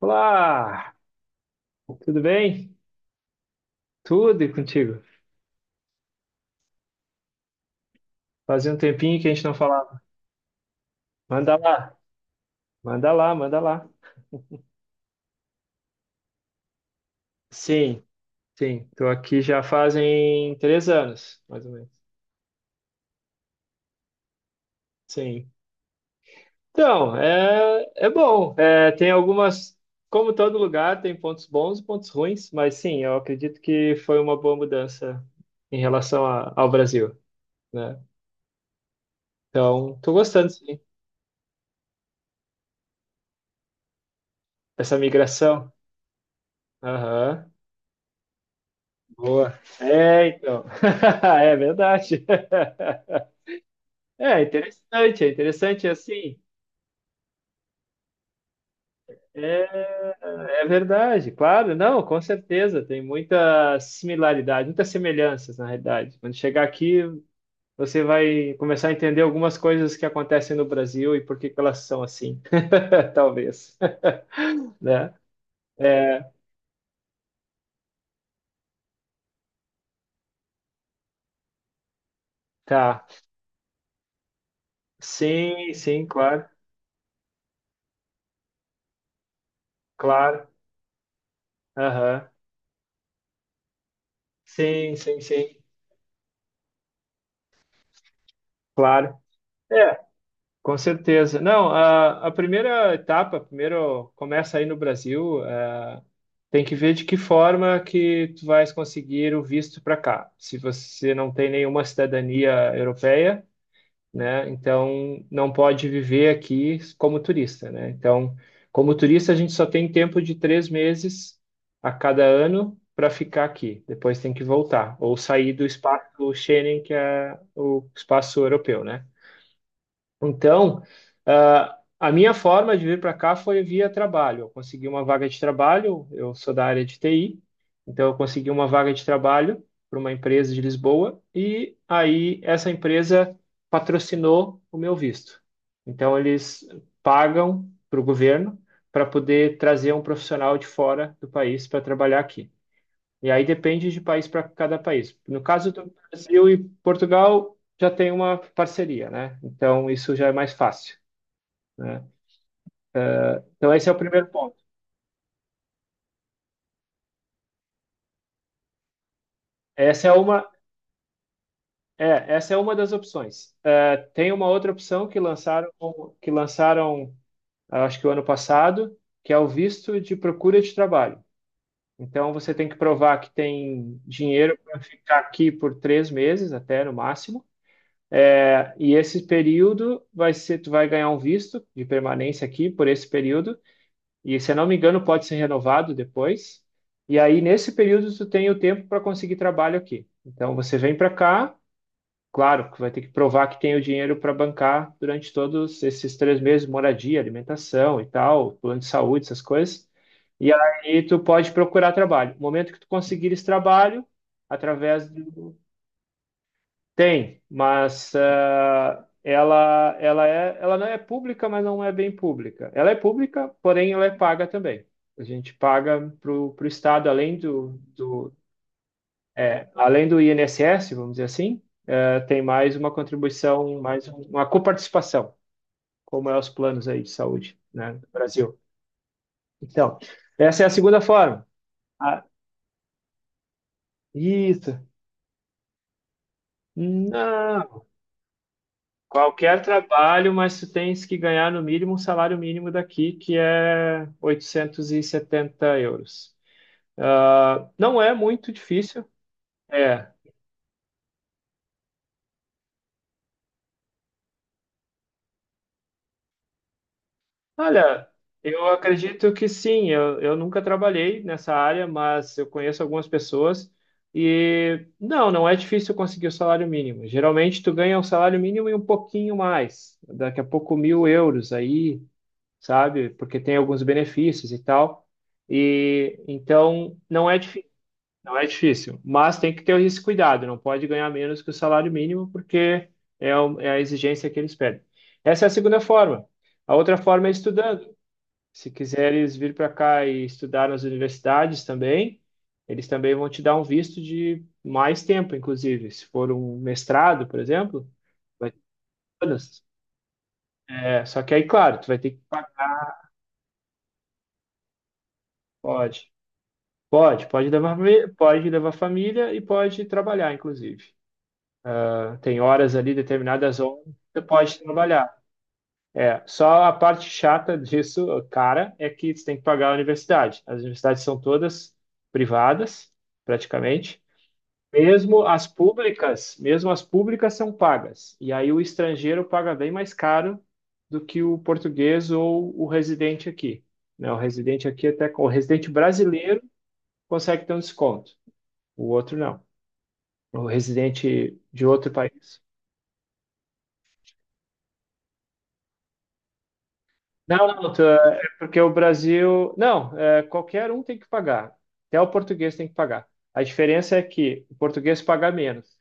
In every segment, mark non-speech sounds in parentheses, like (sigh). Olá, tudo bem? Tudo e contigo? Fazia um tempinho que a gente não falava. Manda lá, manda lá, manda lá. Sim, sim, tô aqui já fazem três anos, mais ou menos. Sim. Então, é bom. Tem algumas, como todo lugar, tem pontos bons e pontos ruins, mas sim, eu acredito que foi uma boa mudança em relação ao Brasil, né? Então, tô gostando, sim, dessa migração. Aham. Boa. É, então. (laughs) É verdade. (laughs) É interessante assim. É, é verdade, claro, não, com certeza. Tem muita similaridade, muitas semelhanças, na realidade. Quando chegar aqui, você vai começar a entender algumas coisas que acontecem no Brasil e por que que elas são assim, (laughs) talvez, né? É, tá. Sim, sim, claro, claro. Aham. Sim, sim, sim, claro. É, com certeza. Não, a primeira etapa, primeiro começa aí no Brasil, tem que ver de que forma que tu vais conseguir o visto para cá. Se você não tem nenhuma cidadania europeia, né, então não pode viver aqui como turista, né? Então, como turista, a gente só tem tempo de três meses a cada ano para ficar aqui. Depois tem que voltar ou sair do espaço Schengen, que é o espaço europeu, né? Então, ah, a minha forma de vir para cá foi via trabalho. Eu consegui uma vaga de trabalho, eu sou da área de TI, então eu consegui uma vaga de trabalho para uma empresa de Lisboa e aí essa empresa patrocinou o meu visto. Então, eles pagam para o governo para poder trazer um profissional de fora do país para trabalhar aqui. E aí depende de país para cada país. No caso do Brasil e Portugal, já tem uma parceria, né? Então isso já é mais fácil, né? Então esse é o primeiro ponto. Essa é uma, é, essa é uma das opções. É, tem uma outra opção que lançaram, que lançaram, acho que o ano passado, que é o visto de procura de trabalho. Então você tem que provar que tem dinheiro para ficar aqui por três meses, até no máximo. É, e esse período vai ser, tu vai ganhar um visto de permanência aqui por esse período, e se eu não me engano, pode ser renovado depois. E aí, nesse período, tu tem o tempo para conseguir trabalho aqui. Então, você vem para cá, claro, que vai ter que provar que tem o dinheiro para bancar durante todos esses três meses, moradia, alimentação e tal, plano de saúde, essas coisas. E aí, tu pode procurar trabalho. No momento que tu conseguir esse trabalho, através do tem, mas é, ela não é pública, mas não é bem pública. Ela é pública, porém ela é paga também. A gente paga para o Estado, além do INSS, vamos dizer assim, tem mais uma contribuição, mais uma coparticipação, como é os planos aí de saúde, né, do Brasil. Então, essa é a segunda forma. Ah, isso. Não. Qualquer trabalho, mas tu tens que ganhar no mínimo um salário mínimo daqui, que é 870 euros. Ah, não é muito difícil. É. Olha, eu acredito que sim. Eu nunca trabalhei nessa área, mas eu conheço algumas pessoas e não, não é difícil conseguir o salário mínimo. Geralmente tu ganha o salário mínimo e um pouquinho mais, daqui a pouco mil euros aí, sabe? Porque tem alguns benefícios e tal. E então não é difícil, não é difícil, mas tem que ter esse cuidado, não pode ganhar menos que o salário mínimo porque é, é a exigência que eles pedem. Essa é a segunda forma. A outra forma é estudando. Se quiseres vir para cá e estudar nas universidades também, eles também vão te dar um visto de mais tempo, inclusive. Se for um mestrado, por exemplo, vai ter todas. É, só que aí, claro, tu vai ter que. Pode. Pode, pode levar, pode levar família e pode trabalhar, inclusive. Ah, tem horas ali, determinadas horas, você pode trabalhar. É, só a parte chata disso, cara, é que você tem que pagar a universidade. As universidades são todas privadas, praticamente. Mesmo as públicas são pagas. E aí o estrangeiro paga bem mais caro do que o português ou o residente aqui. Né? O residente aqui até o residente brasileiro consegue ter um desconto, o outro não. O residente de outro país. Não, não, é porque o Brasil. Não, é, qualquer um tem que pagar. Até o português tem que pagar. A diferença é que o português paga menos.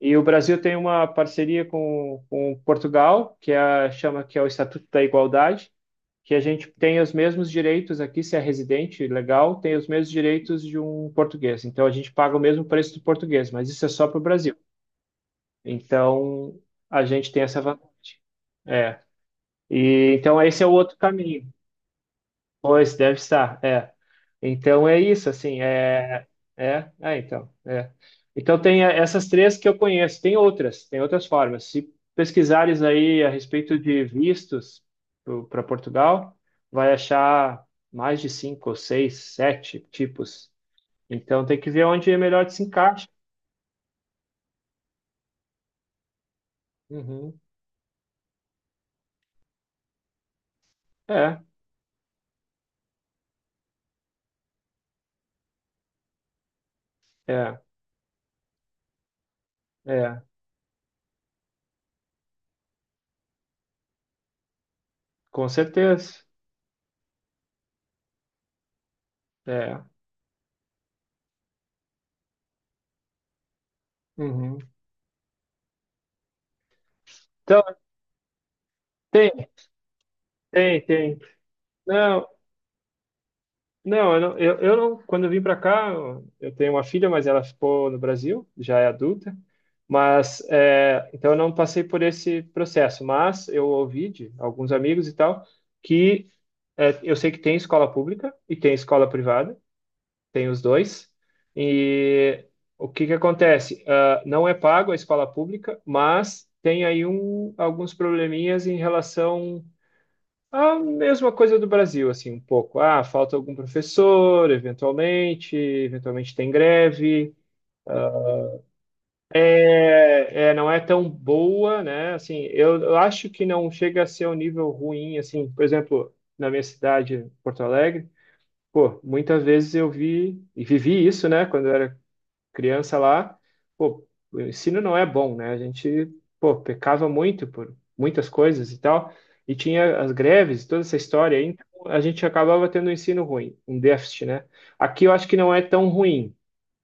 E o Brasil tem uma parceria com Portugal, que é, chama que é o Estatuto da Igualdade, que a gente tem os mesmos direitos aqui, se é residente legal, tem os mesmos direitos de um português. Então a gente paga o mesmo preço do português, mas isso é só para o Brasil. Então a gente tem essa vantagem. É. E então esse é o outro caminho. Pois deve estar, é. Então é isso, assim, então, é. Então tem essas três que eu conheço. Tem outras formas. Se pesquisares aí a respeito de vistos para Portugal, vai achar mais de cinco ou seis, sete tipos. Então tem que ver onde é melhor te se encaixa. Uhum. É, é, é, com certeza. É. Uhum. Então, tem, tem. Não, não, eu não, quando eu vim para cá, eu tenho uma filha, mas ela ficou no Brasil, já é adulta. Mas, é, então eu não passei por esse processo, mas eu ouvi de alguns amigos e tal que é, eu sei que tem escola pública e tem escola privada, tem os dois. E o que que acontece? Ah, não é pago a escola pública, mas tem aí um, alguns probleminhas em relação a mesma coisa do Brasil, assim, um pouco. Ah, falta algum professor, eventualmente, eventualmente tem greve. Não é tão boa, né? Assim, eu acho que não chega a ser um nível ruim, assim. Por exemplo, na minha cidade, Porto Alegre, pô, muitas vezes eu vi e vivi isso, né? Quando eu era criança lá, pô, o ensino não é bom, né? A gente, pô, pecava muito por muitas coisas e tal, e tinha as greves, toda essa história aí, então a gente acabava tendo um ensino ruim, um déficit, né? Aqui eu acho que não é tão ruim,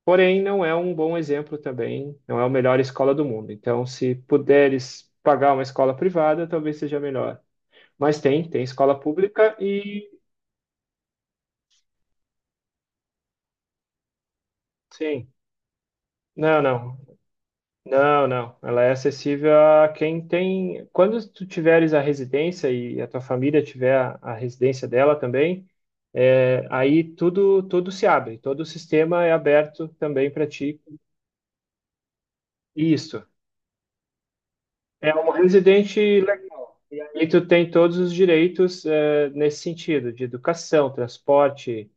porém não é um bom exemplo também, não é a melhor escola do mundo. Então, se puderes pagar uma escola privada, talvez seja melhor. Mas tem, tem escola pública e sim. Não, não. Não, não. Ela é acessível a quem tem. Quando tu tiveres a residência e a tua família tiver a residência dela também, é, aí tudo tudo se abre, todo o sistema é aberto também para ti. Isso. É um residente legal. E aí tu tem todos os direitos, é, nesse sentido, de educação, transporte,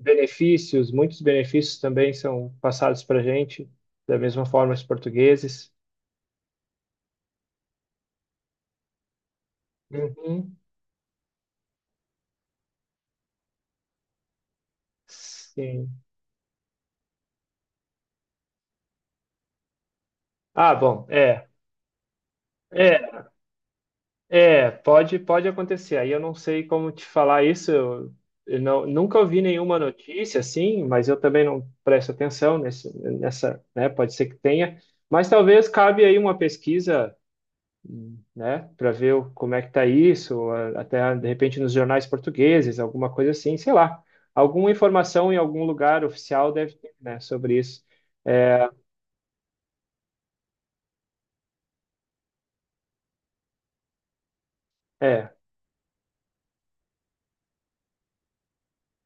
benefícios. Muitos benefícios também são passados para gente, da mesma forma os portugueses. Uhum. Sim. Ah, bom, é. É, pode, pode acontecer. Aí eu não sei como te falar isso. Eu não, nunca ouvi nenhuma notícia assim, mas eu também não presto atenção nesse, nessa, né? Pode ser que tenha, mas talvez cabe aí uma pesquisa, né, para ver como é que tá isso, ou até de repente nos jornais portugueses, alguma coisa assim, sei lá. Alguma informação em algum lugar oficial deve ter, né, sobre isso. É, é.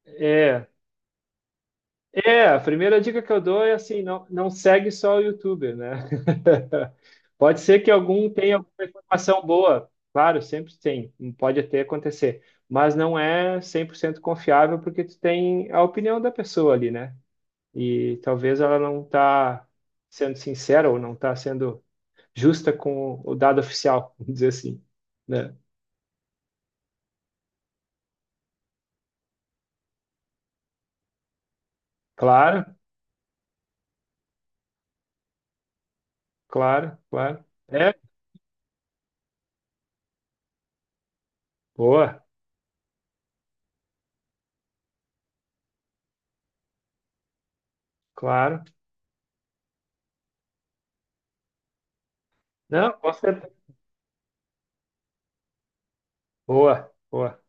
é. É, a primeira dica que eu dou é assim, não, não segue só o youtuber, né? (laughs) Pode ser que algum tenha alguma informação boa, claro, sempre tem, pode até acontecer, mas não é 100% confiável porque tu tem a opinião da pessoa ali, né? E talvez ela não está sendo sincera ou não está sendo justa com o dado oficial, (laughs) vamos dizer assim, né? Claro, claro, claro. É, boa, claro. Não, com certeza. Boa, boa.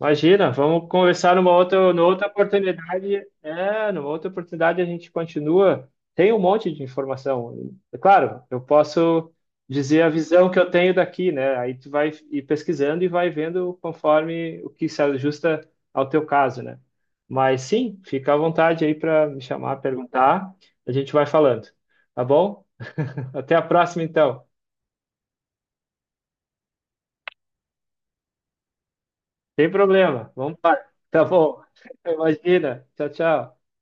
Imagina, vamos conversar numa outra oportunidade. É, numa outra oportunidade a gente continua. Tem um monte de informação. É claro, eu posso dizer a visão que eu tenho daqui, né? Aí tu vai ir pesquisando e vai vendo conforme o que se ajusta ao teu caso, né? Mas sim, fica à vontade aí para me chamar, perguntar. A gente vai falando, tá bom? Até a próxima, então. Sem problema. Vamos lá. Tá bom. (laughs) Imagina. Tchau, tchau.